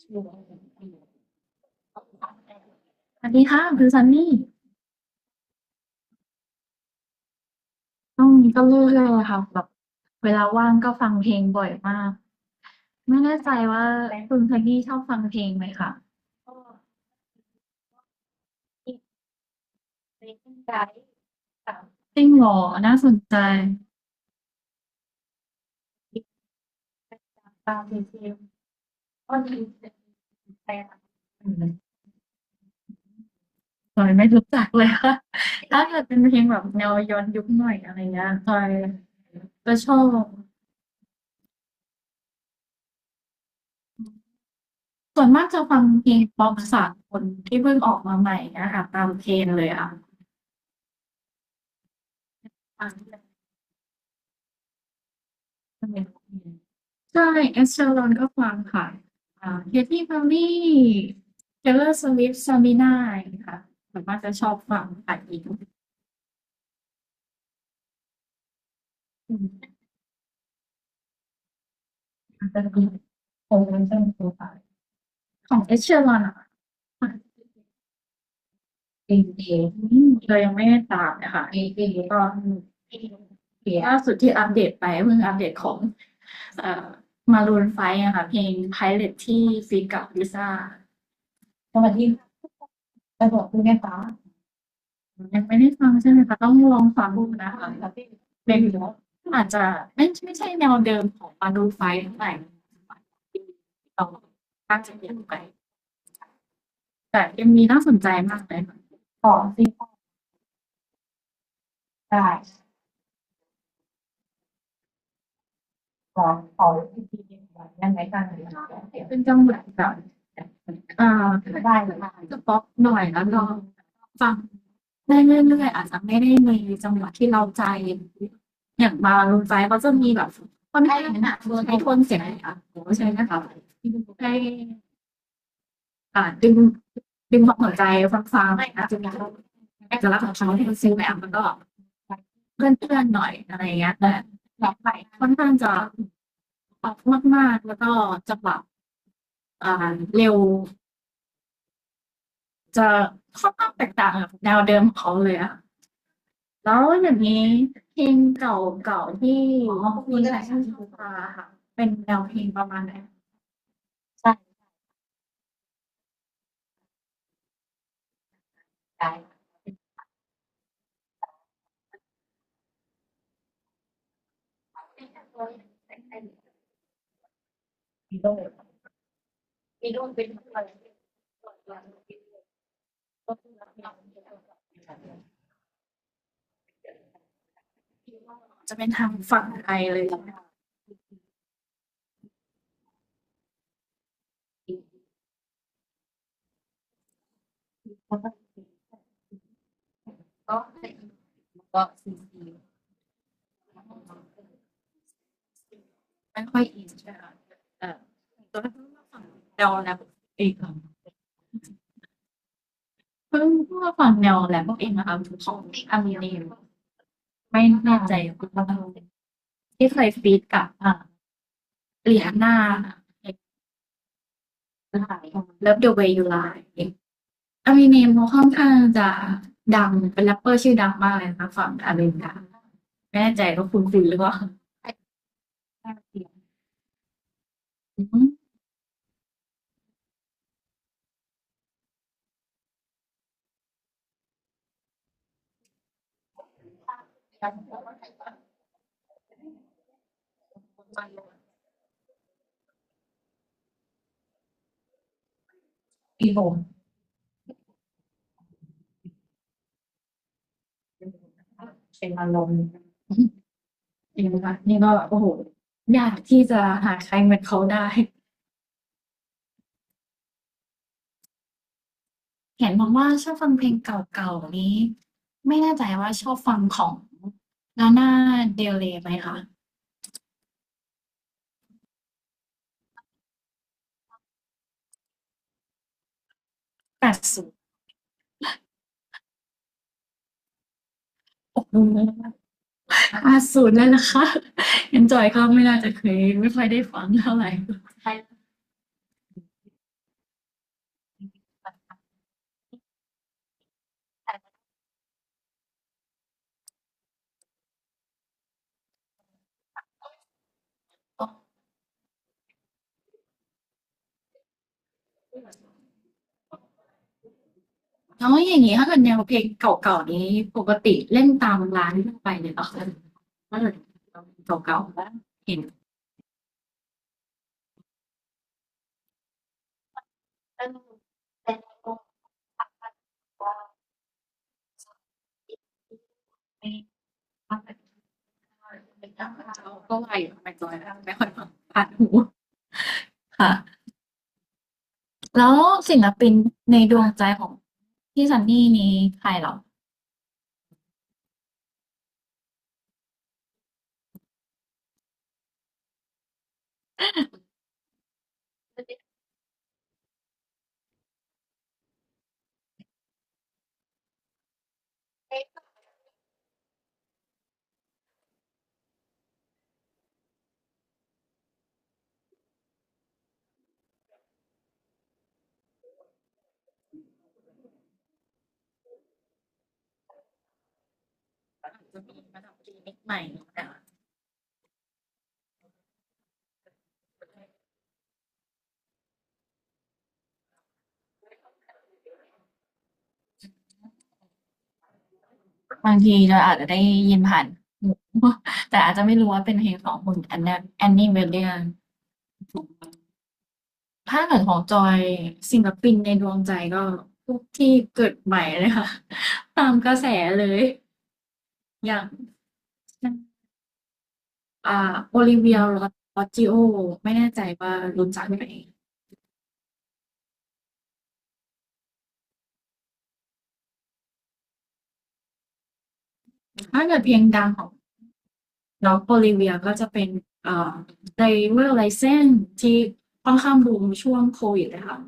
สวัสดีค่ะคือซันนี่ช่วงนี้ก็เรื่อยๆเลยค่ะแบบเวลาว่างก็ฟังเพลงบ่อยมากไม่แน่ใจว่าคุณซันนี่ชอบฟังเพลงไหมคะก็อีกเพลงไกด์สามจริงเหรอน่าสนใจงเพลงก็ดีเป็นแฟนอืมจอยไม่รู้จักเลยค่ะ ถ้าเกิดเป็นเพลงแบบแนวย้อนยุคหน่อยอะไรเงี้ยจอยจะชอบ ส่วนมากจะฟังเพลงป๊อปสากลที่เพิ่งออกมาใหม่อะค่ะตามเทรนด์เลยอะฟังที่แบบัน เป็เใช่ Ed Sheeran ก็ฟังค่ะKaty Perry Taylor Swift Sabrina อย่างงี้ค่ะส่วนมากจะชอบฟังค่ะอีกอืมอาจจะมี ของ Ed Sheeran อะค่ะ เองเองเรายังไม่ได้ตามนะคะเองเองตอนล่าสุดที่อัปเดตไปเพิ่งอัปเดตของเอ่อมารูนไฟว์อะค่ะเพลง Pilot ที่ฟีดกับลิซ่าสวัสดีไปบอกคุณแม่ฟ้ายังไม่ได้ฟังใช่ไหมคะต้องลองฟังดูนะคะมคะพี่เอาจจะไม่ใช่แนวเดิมของมารูนไฟว์เท่าไหร่เราตั้งใจเปลี่ยนไปแต่ยังมวีน่าสนใจมากเลยค่ะของสิบตา ของของที่ดียังไงกันเป็นจังหวะแบบเอ่าได้หรือจะป๊อกหน่อยแล้วลองฟังได้เรื่อยๆอาจจะไม่ได้มีจังหวะที่เราใจอย่างบาลงใจก็จะมีแบบคนไทยหนักโดนให้ทนเสียงอ่ะโอ้ใช่ไหมคะได้ ดึงดึงความสนใจฟังๆหน่อยนะจนเราเอกลักษณ์ของเขาที่มันซื้อแบบมันก็เพื่อนๆหน่อยอะไรเงี้ยแต่แบบไปค่อนข้างจะปอกบมากๆแล้วก็จะแรบอ่าเร็วจะค่อนข้างแตกต่างกับแนวเดิมของเขาเลยอะแล้วอย่างนี้เพลงเก่าๆที่มีหลายชาติมาค่ะเป็นแนวเพลงประมาณไหนจะเป็นทางฝั่งไทยเลยก็เก็ซีซี ไม่ค่อยอินใช่ไหมคะเออตัวเพิ่งมาฟังแนวแรปเองค่ะเพิ่งมาฟังแนวแรปเองนะคะของอามิเนมไม่แน่ใจคุณพ่อที่เคยฟีดกับเลียนหน้าเลิฟเดอะเวย์ยูไลอามิเนมเขาค่อนข้างจะดังเป็นแรปเปอร์ชื่อดังมากเลยนะคะฝั่งอเมริกาไม่แน่ใจว่าคุณฟิลหรือเปล่าอีผมเป็นอารมณ์องนีค่ะนี่ก็แบบโอ้โหอยากที่จะหาใครเหมือนเขาได้ เห็นบอกว่าชอบฟังเพลงเก่าๆนี้ไม่แน่ใจว่าชอบฟังของ Lana Del Rey ไหมคะ80 80แล้วนะคะ ยังจอยก็ไม่น่าจะเคยไม่ค่อยได้ฟังเท่าไหร่แล้วอย่างนี้ถ้าเกิดแนวเพลงเก่าๆนี้ปกติเล่นตามร้านทั่วไปเนี่ยเหรอคะ็่าเกิดเก่าๆบ้างเห็นไม่ไม่ไม่ก็ว่าอยู่ทำไมจอยไม่ค่อยฟังผ่านหูค่ะ แล้วศิลปินในดวงใจของพี่ซันนี่นี่ใครเหรอใหม่บางทีเราอาจจะได้ยินผ่านหูแต่อาจจะไม่รู้ว่าเป็นเพลงของคุณแอนแอนนี่เวเลียนถ้าเกิดของจอยศิลปินในดวงใจก็พวกที่เกิดใหม่เลยค่ะ ตามกระแสเลยอย่างอ่าโอลิเวียโรจิโอไม่แน่ใจว่ารู้จักไหมถ้าเกิดเพลงดังของ แล้วโบลิเวียก็จะเป็นเอ่อ driver license ที่ค่อนข้างบูมช่วงโควิดเลยค่ะ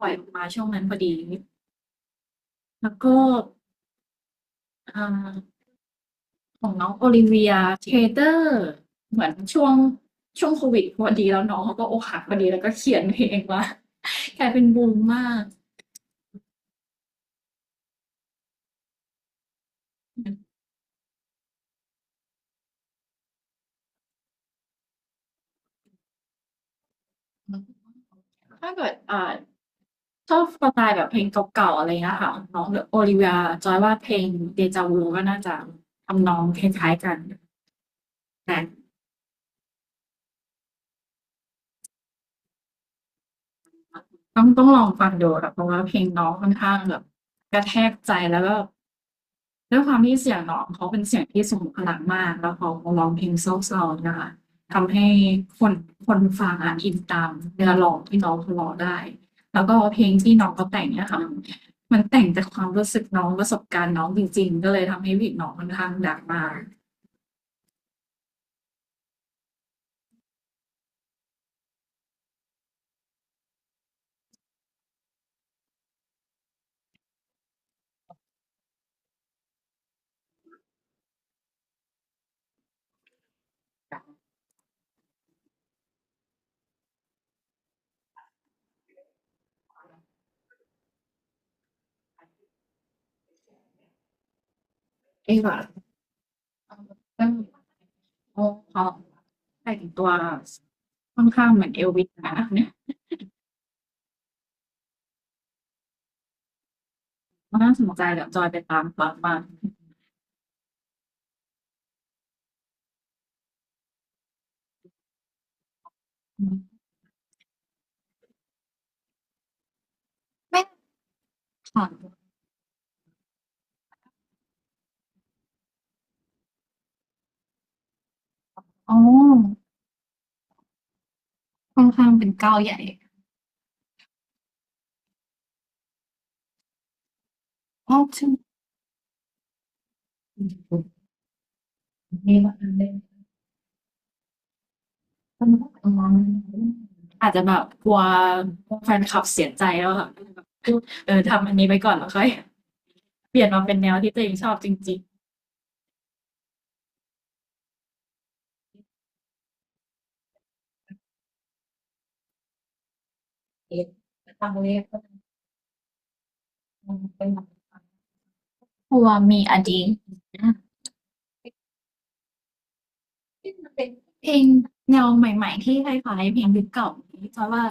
ปล่อยออกมาช่วงนั้นพอดีแล้วก็อ่าของน้องโอลิเวียเทเตอร์เหมือนช่วงโควิดพอดีแล้วน้องเขาก็อกหักพอดีแล้วก็เขียนเพลงว่า กลายเป็นบูมมากถ้าเกิดชอบสไตล์แบบเพลงเก่าๆอะไรเงี้ยค่ะน้องโอลิเวียจอยว่าเพลงเดจาวูก็น่าจะทำนองคล้ายๆกัน นะต้องลองฟังดูค่ะเพราะว่าเพลงน้องค่อนข้างแบบกระแทกใจแล้วก็ด้วยความที่เสียงน้องเขาเป็นเสียงที่ทรงพลังมากแล้วเขาร้องเพลงเศร้าๆนะคะทำให้คนคนฟังอ่ะอินตามเนื้อร้องที่น้องเขาร้องได้แล้วก็เพลงที่น้องเขาแต่งเนี่ยค่ะมันแต่งจากความรู้สึกน้องประสบการณ์น้องจริงๆก็เลยทำให้วิกน้องค่อนข้างดังมากเอ้ยแบบเรื่องโอ้เขาแต่งตัวค่อนข้างเหมือนเอลวิสนะ น่าสนใจเดี๋ยวจอยไปตามฟังบ้างอืมไม่ค่ะอ๋อค่อนข้างเป็นเก้าใหญ่ชอบชื่อมีบ้างอันเล่นอืมองอาจจะแบบกลัวแฟนคลับเสียใจแล้วค่ะเออทำอันนี้ไปก่อนแล้วค่อยเปลี่ยนมาเป็นแนวที่ตัวเองชอบจริงกลัวมีอดีตนะเพลงแนวใหม่ๆที่คล้ายๆเพลงยุคเก่านี้เพราะว่า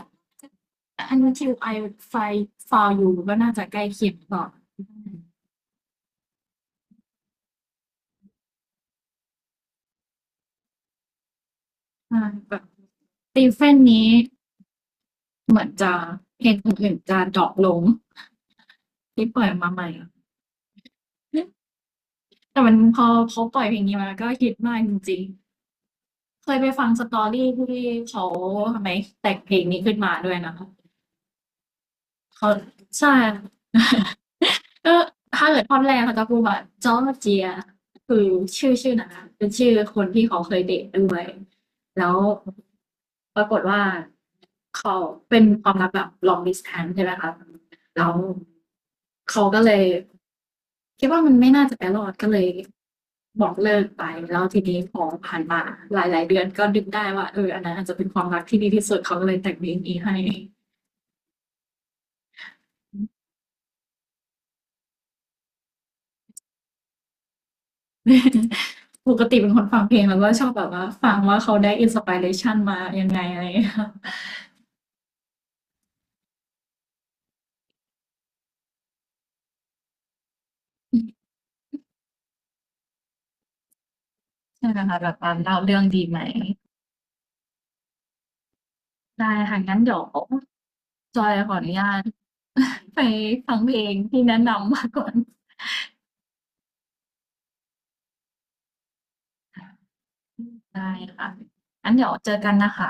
ๆอันที่ I find for you ก็น่าจะใกล้เคียงต่อแบบ ตีเฟนนี้เหมือนจะเพลงอื่นๆจะดรอปลงที่ปล่อยมาใหม่แต่มันพอเขาปล่อยเพลงนี้มาก็ฮิตมากจริงๆเคยไปฟังสตอรี่ที่เขาทำไมแต่งเพลงนี้ขึ้นมาด้วยนะคะเขาใช่ ก็ถ้าเกิดท่อนแรกเขาจะพูดว่าจอร์เจียคือชื่อชื่อนั้นนะเป็นชื่อคนที่เขาเคยเดทด้วยแล้วปรากฏว่าเขาเป็นความรักแบบ long distance ใช่ไหมคะแล้วเขาก็เลยคิดว่ามันไม่น่าจะไปรอดก็เลยบอกเลิกไปแล้วทีนี้พอผ่านมาหลายๆเดือนก็ดึกได้ว่าเอออันนั้นอาจจะเป็นความรักที่ดีที่สุดเขาก็เลยแต่งเพลงนี้ให้ ปกติเป็นคนฟังเพลงแล้วก็ชอบแบบว่าฟังว่าเขาได้ inspiration มายังไงอะไรอย่างเงี้ยค่ะ ใช่ค่ะแบบตาาเล่าเรื่องดีไหมได้ค่ะงั้นเดี๋ยวจอยขออนุญาต ไปฟังเพลงที่แนะนำมาก่อนได้ค่ะงั้นเดี๋ยวเจอกันนะคะ